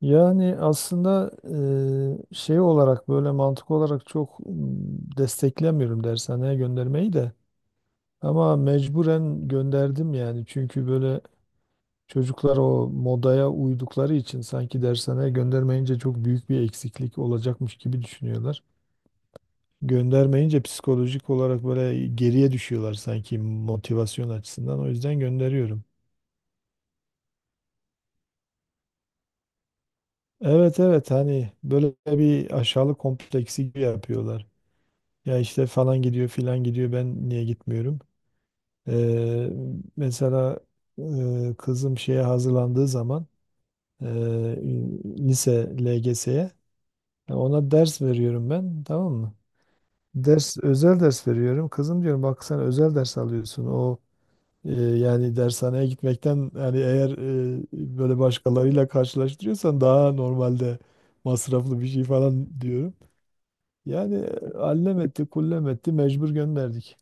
Yani aslında şey olarak böyle mantık olarak çok desteklemiyorum dershaneye göndermeyi de. Ama mecburen gönderdim yani. Çünkü böyle çocuklar o modaya uydukları için sanki dershaneye göndermeyince çok büyük bir eksiklik olacakmış gibi düşünüyorlar. Göndermeyince psikolojik olarak böyle geriye düşüyorlar sanki motivasyon açısından. O yüzden gönderiyorum. Evet evet, hani böyle bir aşağılık kompleksi gibi yapıyorlar. Ya işte falan gidiyor filan gidiyor ben niye gitmiyorum? Ee, Mesela kızım şeye hazırlandığı zaman e, lise LGS'ye ona ders veriyorum ben, tamam mı? Ders özel ders veriyorum. Kızım diyorum bak sen özel ders alıyorsun. O yani dershaneye gitmekten, yani eğer böyle başkalarıyla karşılaştırıyorsan daha normalde masraflı bir şey falan diyorum. Yani allem etti kullem etti mecbur gönderdik.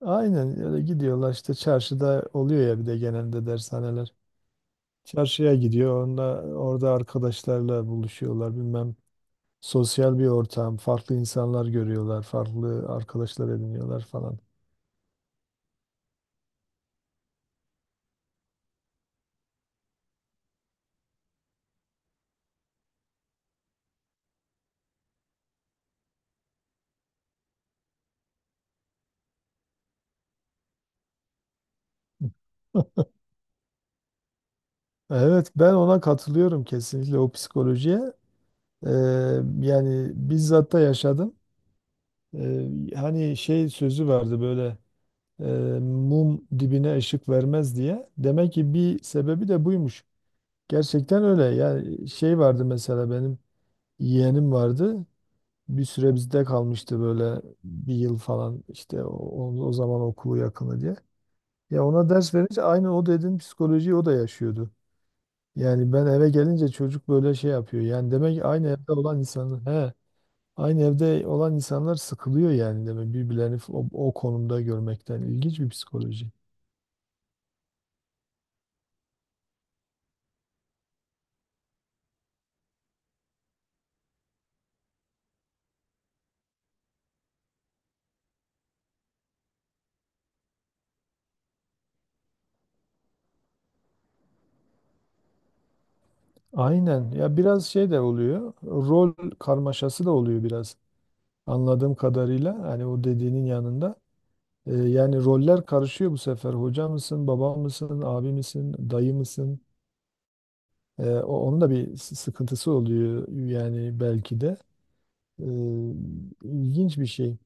Aynen öyle gidiyorlar, işte çarşıda oluyor ya bir de genelde dershaneler. Çarşıya gidiyor onda orada arkadaşlarla buluşuyorlar bilmem, sosyal bir ortam, farklı insanlar görüyorlar, farklı arkadaşlar ediniyorlar falan. Evet, ben ona katılıyorum kesinlikle, o psikolojiye. Ee, Yani bizzat da yaşadım. Ee, Hani şey sözü vardı böyle, e, mum dibine ışık vermez diye. Demek ki bir sebebi de buymuş. Gerçekten öyle. Yani şey vardı, mesela benim yeğenim vardı. Bir süre bizde kalmıştı böyle bir yıl falan işte, o zaman okulu yakını diye. Ya ona ders verince aynı o dediğin psikolojiyi o da yaşıyordu. Yani ben eve gelince çocuk böyle şey yapıyor. Yani demek ki aynı evde olan insanlar he, aynı evde olan insanlar sıkılıyor, yani demek birbirlerini o konumda görmekten, ilginç bir psikoloji. Aynen. Ya biraz şey de oluyor. Rol karmaşası da oluyor biraz. Anladığım kadarıyla hani o dediğinin yanında, yani roller karışıyor bu sefer. Hoca mısın, baba mısın, abi misin, dayı mısın? Onun da bir sıkıntısı oluyor yani belki de. E, ilginç bir şey.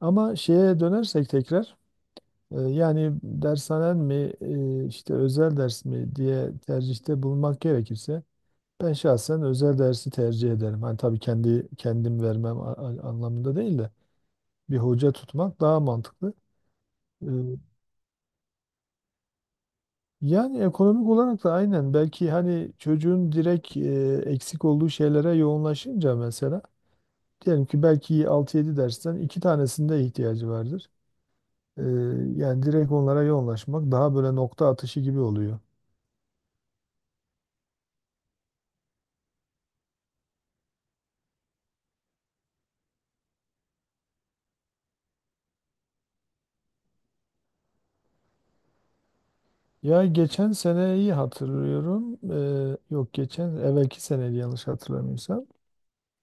Ama şeye dönersek tekrar, yani dershanen mi işte özel ders mi diye tercihte bulunmak gerekirse ben şahsen özel dersi tercih ederim. Hani tabii kendi kendim vermem anlamında değil de bir hoca tutmak daha mantıklı. Ee, Yani ekonomik olarak da aynen, belki hani çocuğun direkt eksik olduğu şeylere yoğunlaşınca, mesela diyelim ki belki altı yedi dersten iki tanesinde ihtiyacı vardır. Ee, Yani direkt onlara yoğunlaşmak daha böyle nokta atışı gibi oluyor. Ya geçen seneyi hatırlıyorum. Yok, geçen evvelki seneydi yanlış hatırlamıyorsam.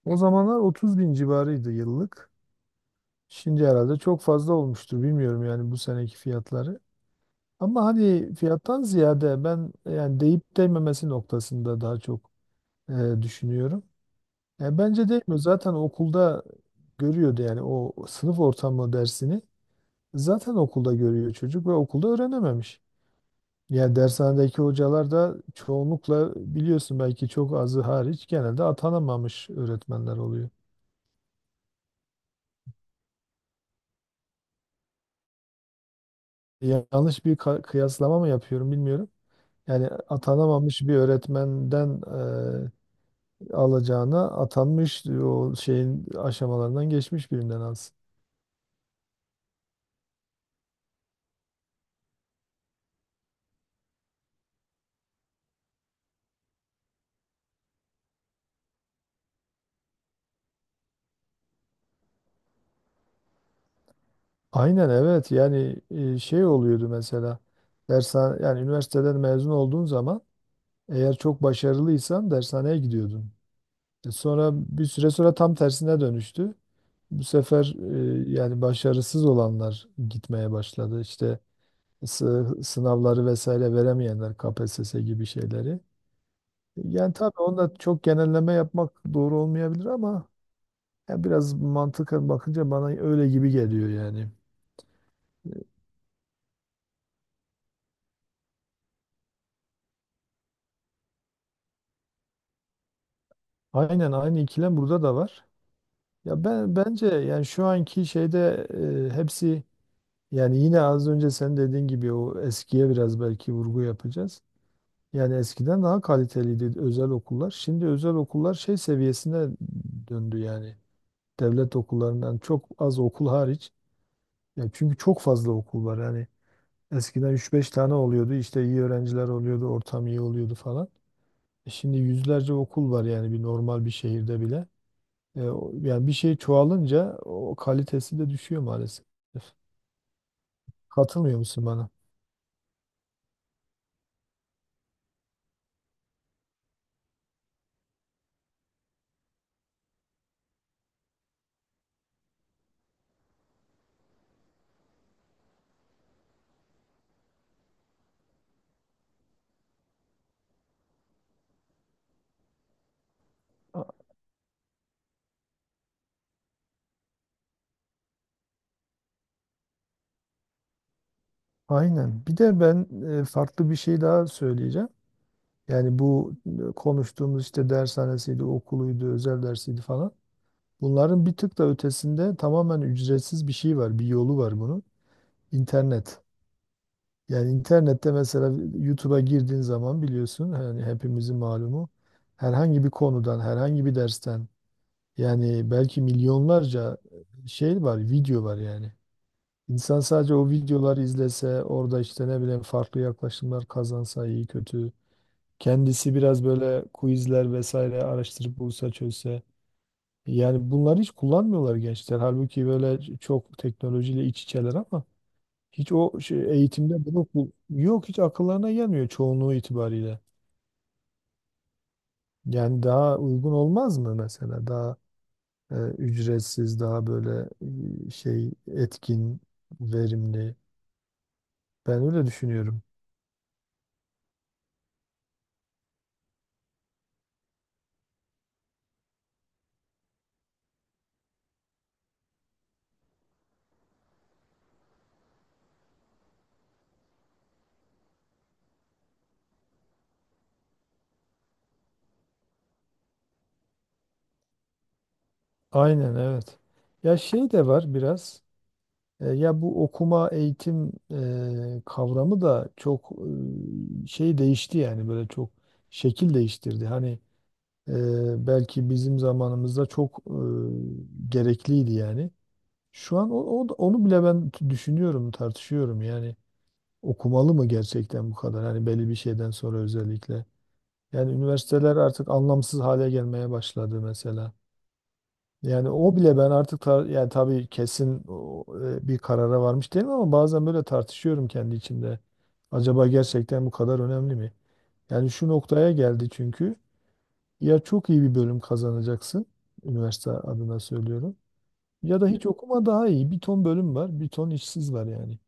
O zamanlar 30 bin civarıydı yıllık. Şimdi herhalde çok fazla olmuştur. Bilmiyorum yani bu seneki fiyatları. Ama hani fiyattan ziyade ben yani deyip değmemesi noktasında daha çok e, düşünüyorum. Yani bence değmiyor. Zaten okulda görüyordu yani o sınıf ortamı dersini, zaten okulda görüyor çocuk ve okulda öğrenememiş. Yani dershanedeki hocalar da çoğunlukla biliyorsun, belki çok azı hariç, genelde atanamamış öğretmenler oluyor. Yanlış bir kıyaslama mı yapıyorum bilmiyorum. Yani atanamamış bir öğretmenden e, alacağına, atanmış o şeyin aşamalarından geçmiş birinden alsın. Aynen evet, yani şey oluyordu mesela, dershane, yani üniversiteden mezun olduğun zaman eğer çok başarılıysan dershaneye gidiyordun. Sonra bir süre sonra tam tersine dönüştü. Bu sefer yani başarısız olanlar gitmeye başladı. İşte sınavları vesaire veremeyenler, KPSS gibi şeyleri. Yani tabii onda çok genelleme yapmak doğru olmayabilir ama ya biraz mantıken bakınca bana öyle gibi geliyor yani. Aynen, aynı ikilem burada da var. Ya ben bence yani şu anki şeyde hepsi, yani yine az önce sen dediğin gibi o eskiye biraz belki vurgu yapacağız. Yani eskiden daha kaliteliydi özel okullar. Şimdi özel okullar şey seviyesine döndü yani. Devlet okullarından, çok az okul hariç. Ya çünkü çok fazla okul var. Yani eskiden üç beş tane oluyordu. İşte iyi öğrenciler oluyordu, ortam iyi oluyordu falan. E şimdi yüzlerce okul var, yani bir normal bir şehirde bile. Yani bir şey çoğalınca o kalitesi de düşüyor maalesef. Katılmıyor musun bana? A- Aynen. Bir de ben farklı bir şey daha söyleyeceğim. Yani bu konuştuğumuz işte dershanesiydi, okuluydu, özel dersiydi falan. Bunların bir tık da ötesinde tamamen ücretsiz bir şey var, bir yolu var bunun. İnternet. Yani internette mesela YouTube'a girdiğin zaman biliyorsun, hani hepimizin malumu, herhangi bir konudan, herhangi bir dersten yani belki milyonlarca şey var, video var yani. İnsan sadece o videoları izlese, orada işte ne bileyim farklı yaklaşımlar kazansa iyi kötü. Kendisi biraz böyle quizler vesaire araştırıp bulsa çözse. Yani bunları hiç kullanmıyorlar gençler. Halbuki böyle çok teknolojiyle iç içeler ama hiç o şey, eğitimde bunu bu, yok, hiç akıllarına gelmiyor çoğunluğu itibariyle. Yani daha uygun olmaz mı mesela? Daha ücretsiz, daha böyle şey etkin, verimli. Ben öyle düşünüyorum. Aynen evet. Ya şey de var biraz. Ya bu okuma, eğitim kavramı da çok şey değişti yani, böyle çok şekil değiştirdi. Hani belki bizim zamanımızda çok gerekliydi yani. Şu an onu bile ben düşünüyorum, tartışıyorum. Yani okumalı mı gerçekten bu kadar? Hani belli bir şeyden sonra özellikle. Yani üniversiteler artık anlamsız hale gelmeye başladı mesela. Yani o bile ben artık yani tabii kesin bir karara varmış değilim ama bazen böyle tartışıyorum kendi içimde. Acaba gerçekten bu kadar önemli mi? Yani şu noktaya geldi çünkü, ya çok iyi bir bölüm kazanacaksın, üniversite adına söylüyorum. Ya da hiç okuma daha iyi. Bir ton bölüm var, bir ton işsiz var yani.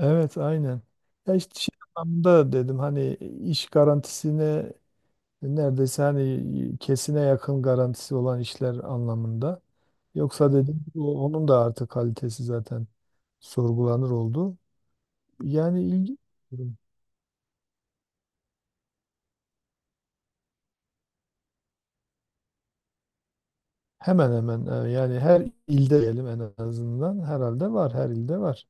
Evet aynen. Ya işte şey anlamında dedim, hani iş garantisine neredeyse hani kesine yakın garantisi olan işler anlamında. Yoksa dedim onun da artık kalitesi zaten sorgulanır oldu. Yani ilgi hemen hemen yani her ilde diyelim, en azından herhalde var, her ilde var.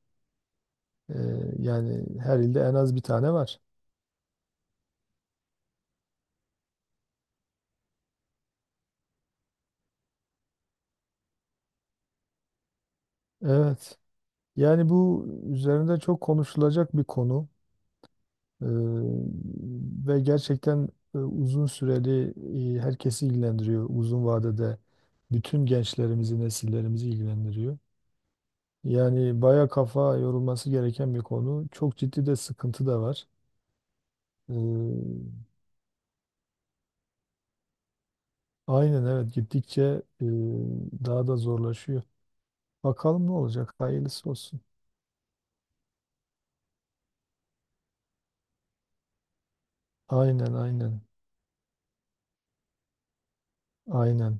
Ee, Yani her ilde en az bir tane var. Evet. Yani bu üzerinde çok konuşulacak bir konu. Ee, Ve gerçekten uzun süreli, herkesi ilgilendiriyor. Uzun vadede bütün gençlerimizi, nesillerimizi ilgilendiriyor. Yani baya kafa yorulması gereken bir konu. Çok ciddi de sıkıntı da var. Ee, aynen evet, gittikçe e, daha da zorlaşıyor. Bakalım ne olacak? Hayırlısı olsun. Aynen aynen. Aynen.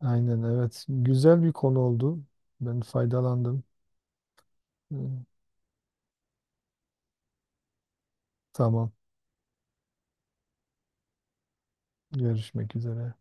Aynen evet. Güzel bir konu oldu. Ben faydalandım. Ee, Tamam. Görüşmek üzere.